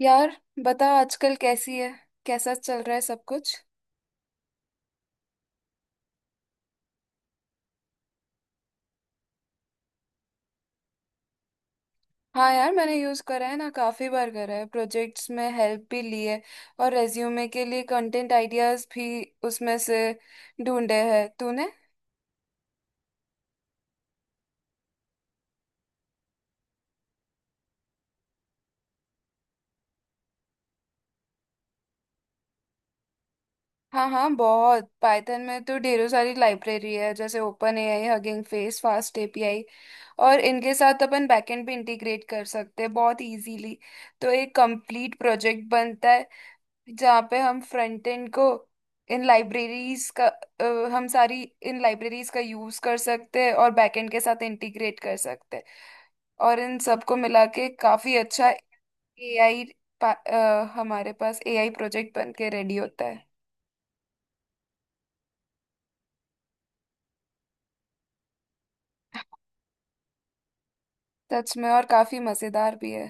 यार, बता आजकल कैसी है। कैसा चल रहा है सब कुछ। हाँ यार, मैंने यूज़ करा है ना, काफ़ी बार करा है, प्रोजेक्ट्स में हेल्प भी ली है और रेज्यूमे के लिए कंटेंट आइडियाज़ भी उसमें से ढूंढे हैं तूने। हाँ हाँ, बहुत। पाइथन में तो ढेरों सारी लाइब्रेरी है, जैसे Open AI, Hugging Face, Fast API. और इनके साथ अपन बैकएंड भी इंटीग्रेट कर सकते हैं बहुत इजीली। तो एक कंप्लीट प्रोजेक्ट बनता है जहाँ पे हम फ्रंट एंड को इन लाइब्रेरीज का अ, हम सारी इन लाइब्रेरीज का यूज कर सकते हैं और बैक एंड के साथ इंटीग्रेट कर सकते हैं। और इन सबको मिला के काफी अच्छा एआई, हमारे पास एआई प्रोजेक्ट बन के रेडी होता है। सच में, और काफी मजेदार भी है।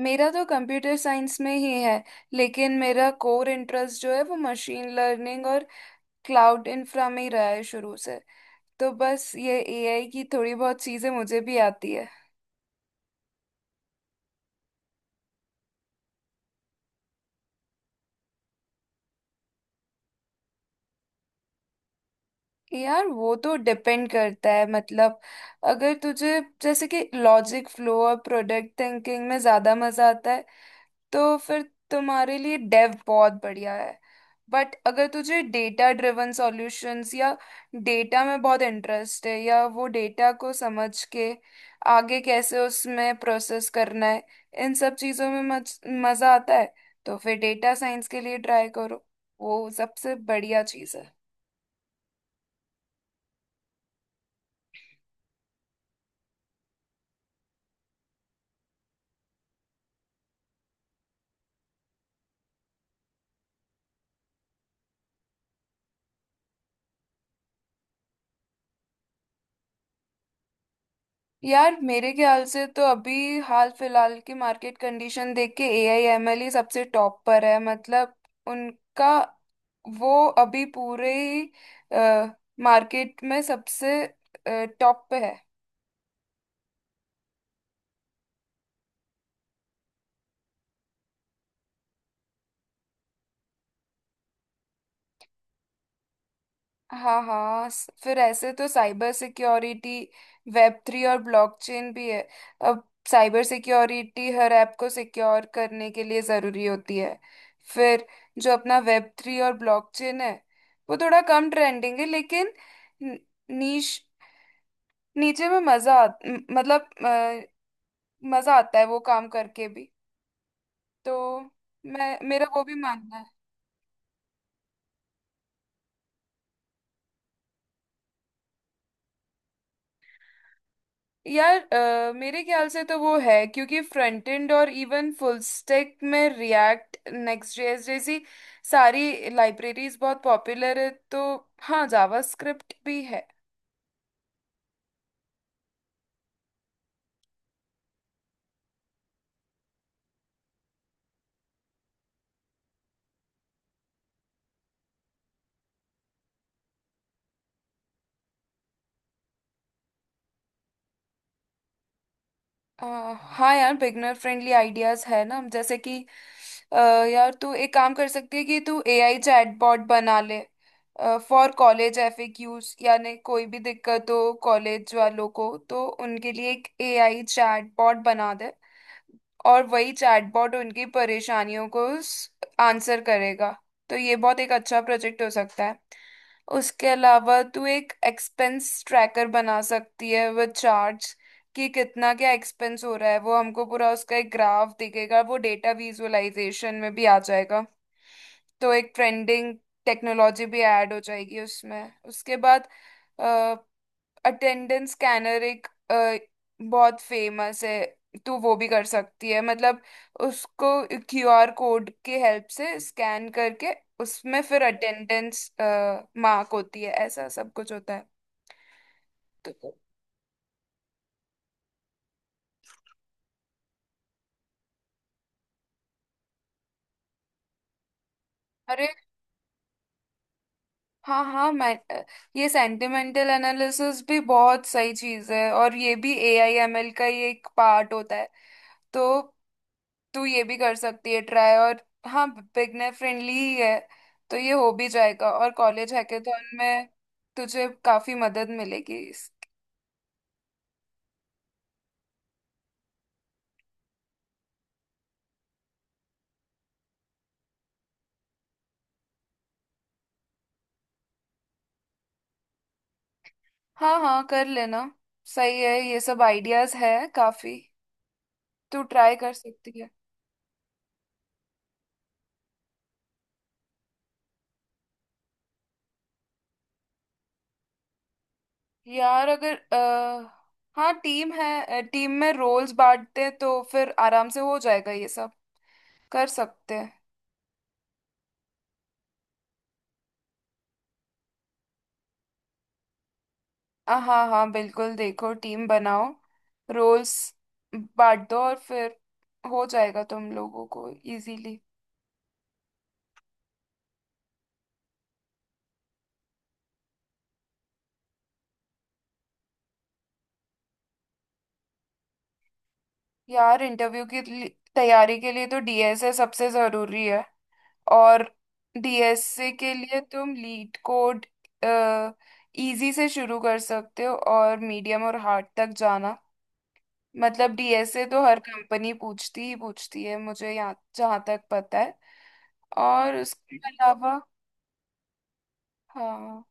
मेरा तो कंप्यूटर साइंस में ही है, लेकिन मेरा कोर इंटरेस्ट जो है वो मशीन लर्निंग और क्लाउड इंफ्रा में ही रहा है शुरू से। तो बस ये एआई की थोड़ी बहुत चीजें मुझे भी आती है। यार वो तो डिपेंड करता है, मतलब अगर तुझे जैसे कि लॉजिक फ्लो और प्रोडक्ट थिंकिंग में ज्यादा मजा आता है तो फिर तुम्हारे लिए डेव बहुत बढ़िया है। बट अगर तुझे डेटा ड्रिवन सॉल्यूशंस या डेटा में बहुत इंटरेस्ट है, या वो डेटा को समझ के आगे कैसे उसमें प्रोसेस करना है, इन सब चीजों में मजा आता है, तो फिर डेटा साइंस के लिए ट्राई करो। वो सबसे बढ़िया चीज़ है। यार मेरे ख्याल से तो अभी हाल फिलहाल की मार्केट कंडीशन देख के AI ML ही सबसे टॉप पर है। मतलब उनका वो अभी पूरे ही मार्केट में सबसे टॉप पे है। हाँ हाँ, फिर ऐसे तो साइबर सिक्योरिटी, वेब थ्री और ब्लॉकचेन भी है। अब साइबर सिक्योरिटी हर ऐप को सिक्योर करने के लिए ज़रूरी होती है। फिर जो अपना वेब थ्री और ब्लॉकचेन है वो थोड़ा कम ट्रेंडिंग है, लेकिन न- नीश नीचे में मतलब मज़ा आता है वो काम करके भी। तो मैं, मेरा वो भी मानना है। यार मेरे ख्याल से तो वो है क्योंकि फ्रंट एंड और इवन फुल स्टैक में रिएक्ट, नेक्स्ट जेएस जैसी सारी लाइब्रेरीज बहुत पॉपुलर है। तो हाँ, जावास्क्रिप्ट भी है। अ, हाँ यार, बिगनर फ्रेंडली आइडियाज है ना। जैसे कि अ, यार तू एक काम कर सकती है कि तू एआई चैटबॉट बना ले फॉर कॉलेज एफएक्यूज, यानी कोई भी दिक्कत हो कॉलेज वालों को तो उनके लिए एक एआई चैटबॉट बना दे। और वही चैटबॉट उनकी परेशानियों को आंसर करेगा। तो ये बहुत एक अच्छा प्रोजेक्ट हो सकता है। उसके अलावा तू एक एक्सपेंस ट्रैकर बना सकती है विद चार्ट्स, कि कितना क्या एक्सपेंस हो रहा है, वो हमको पूरा उसका एक ग्राफ दिखेगा, वो डेटा विजुअलाइजेशन में भी आ जाएगा। तो एक ट्रेंडिंग टेक्नोलॉजी भी ऐड हो जाएगी उसमें। उसके बाद अटेंडेंस स्कैनर एक बहुत फेमस है, तो वो भी कर सकती है। मतलब उसको क्यूआर कोड के हेल्प से स्कैन करके उसमें फिर अटेंडेंस मार्क होती है, ऐसा सब कुछ होता है तो। अरे हाँ हाँ, मैं ये सेंटिमेंटल एनालिसिस भी बहुत सही चीज है, और ये भी AI ML का ही एक पार्ट होता है। तो तू ये भी कर सकती है ट्राई। और हाँ, बिगनर फ्रेंडली ही है तो ये हो भी जाएगा, और कॉलेज हैकेथॉन में तुझे काफी मदद मिलेगी हाँ हाँ, कर लेना। सही है, ये सब आइडियाज है काफी, तू ट्राई कर सकती है। यार अगर हाँ, टीम है, टीम में रोल्स बांटते हैं तो फिर आराम से हो जाएगा ये सब, कर सकते हैं। हाँ हाँ बिल्कुल, देखो टीम बनाओ, रोल्स बांट दो और फिर हो जाएगा तुम लोगों को इजीली। यार इंटरव्यू की तैयारी के लिए तो डीएसए सबसे जरूरी है। और डीएसए के लिए तुम लीड कोड इजी से शुरू कर सकते हो, और मीडियम और हार्ड तक जाना। मतलब डीएसए तो हर कंपनी पूछती ही पूछती है, मुझे यहाँ जहाँ तक पता है। और उसके अलावा हाँ,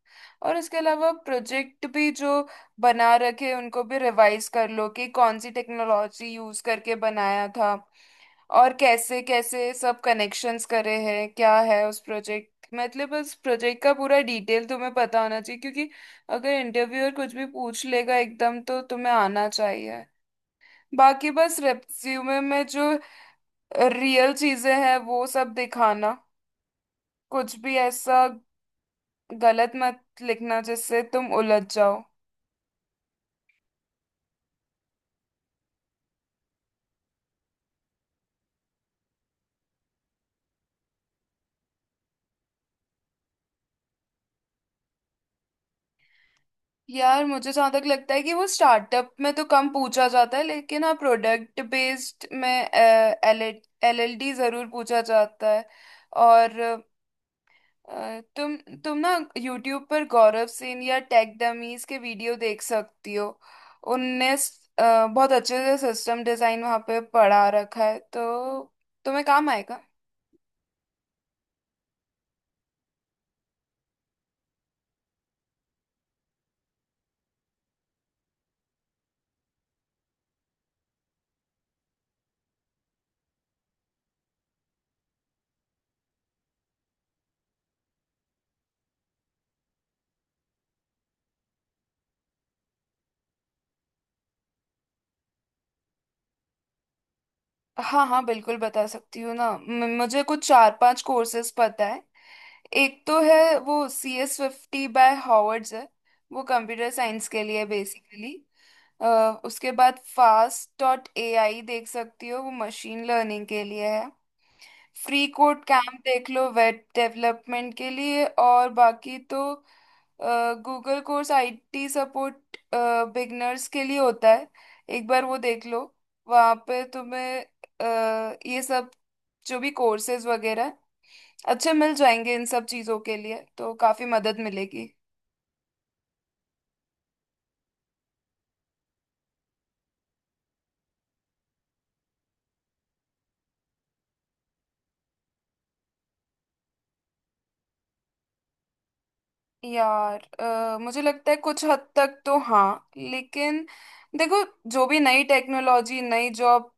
और इसके अलावा प्रोजेक्ट भी जो बना रखे उनको भी रिवाइज कर लो, कि कौन सी टेक्नोलॉजी यूज करके बनाया था और कैसे कैसे सब कनेक्शंस करे हैं, क्या है उस प्रोजेक्ट, मतलब उस प्रोजेक्ट का पूरा डिटेल तुम्हें पता होना चाहिए। क्योंकि अगर इंटरव्यूअर कुछ भी पूछ लेगा एकदम तो तुम्हें आना चाहिए। बाकी बस रेज्यूमे में जो रियल चीजें हैं वो सब दिखाना। कुछ भी ऐसा गलत मत लिखना जिससे तुम उलझ जाओ। यार मुझे जहाँ तक लगता है कि वो स्टार्टअप में तो कम पूछा जाता है, लेकिन हाँ, प्रोडक्ट बेस्ड में LLLD जरूर पूछा जाता है। और अ, तुम तुम ना यूट्यूब पर गौरव सेन या टेक डमीज के वीडियो देख सकती हो। उनने बहुत अच्छे से सिस्टम डिजाइन वहाँ पे पढ़ा रखा है, तो तुम्हें काम आएगा। हाँ हाँ बिल्कुल, बता सकती हूँ ना। मुझे कुछ चार पांच कोर्सेज पता है। एक तो है वो CS50 बाय हॉवर्ड्स है, वो कंप्यूटर साइंस के लिए बेसिकली। उसके बाद fast.ai देख सकती हो, वो मशीन लर्निंग के लिए है। फ्री कोड कैंप देख लो वेब डेवलपमेंट के लिए। और बाकी तो Google course IT support beginners के लिए होता है, एक बार वो देख लो। वहाँ पे तुम्हें ये सब जो भी कोर्सेज वगैरह अच्छे मिल जाएंगे। इन सब चीजों के लिए तो काफी मदद मिलेगी। यार मुझे लगता है कुछ हद तक तो हाँ, लेकिन देखो जो भी नई टेक्नोलॉजी, नई जॉब,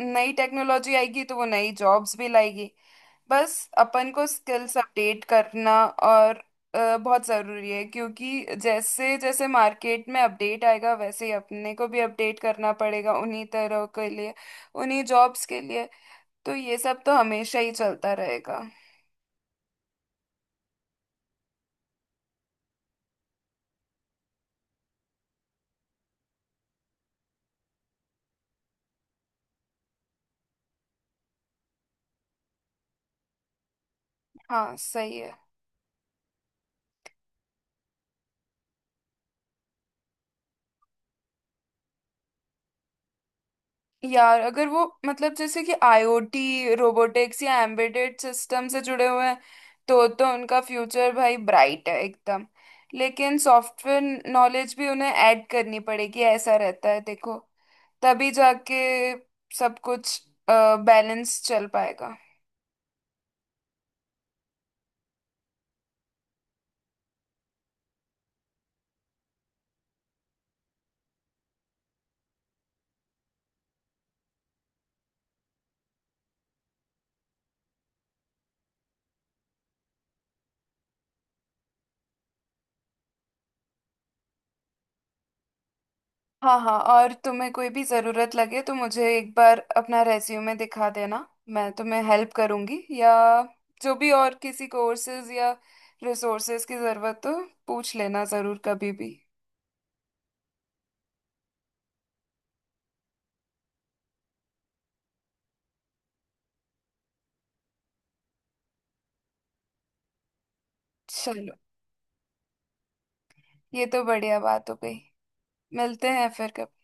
नई टेक्नोलॉजी आएगी तो वो नई जॉब्स भी लाएगी। बस अपन को स्किल्स अपडेट करना और बहुत ज़रूरी है। क्योंकि जैसे जैसे मार्केट में अपडेट आएगा वैसे ही अपने को भी अपडेट करना पड़ेगा उन्हीं तरह के लिए, उन्हीं जॉब्स के लिए। तो ये सब तो हमेशा ही चलता रहेगा। हाँ सही है। यार अगर वो, मतलब जैसे कि आईओटी, रोबोटिक्स या एम्बेडेड सिस्टम से जुड़े हुए हैं तो उनका फ्यूचर भाई ब्राइट है एकदम। लेकिन सॉफ्टवेयर नॉलेज भी उन्हें ऐड करनी पड़ेगी, ऐसा रहता है देखो। तभी जाके सब कुछ बैलेंस चल पाएगा। हाँ हाँ, और तुम्हें कोई भी ज़रूरत लगे तो मुझे एक बार अपना रेज्यूमे दिखा देना। मैं तुम्हें हेल्प करूँगी, या जो भी और किसी कोर्सेज या रिसोर्सेज की ज़रूरत हो पूछ लेना ज़रूर कभी भी। चलो, ये तो बढ़िया बात हो गई। मिलते हैं फिर कभी।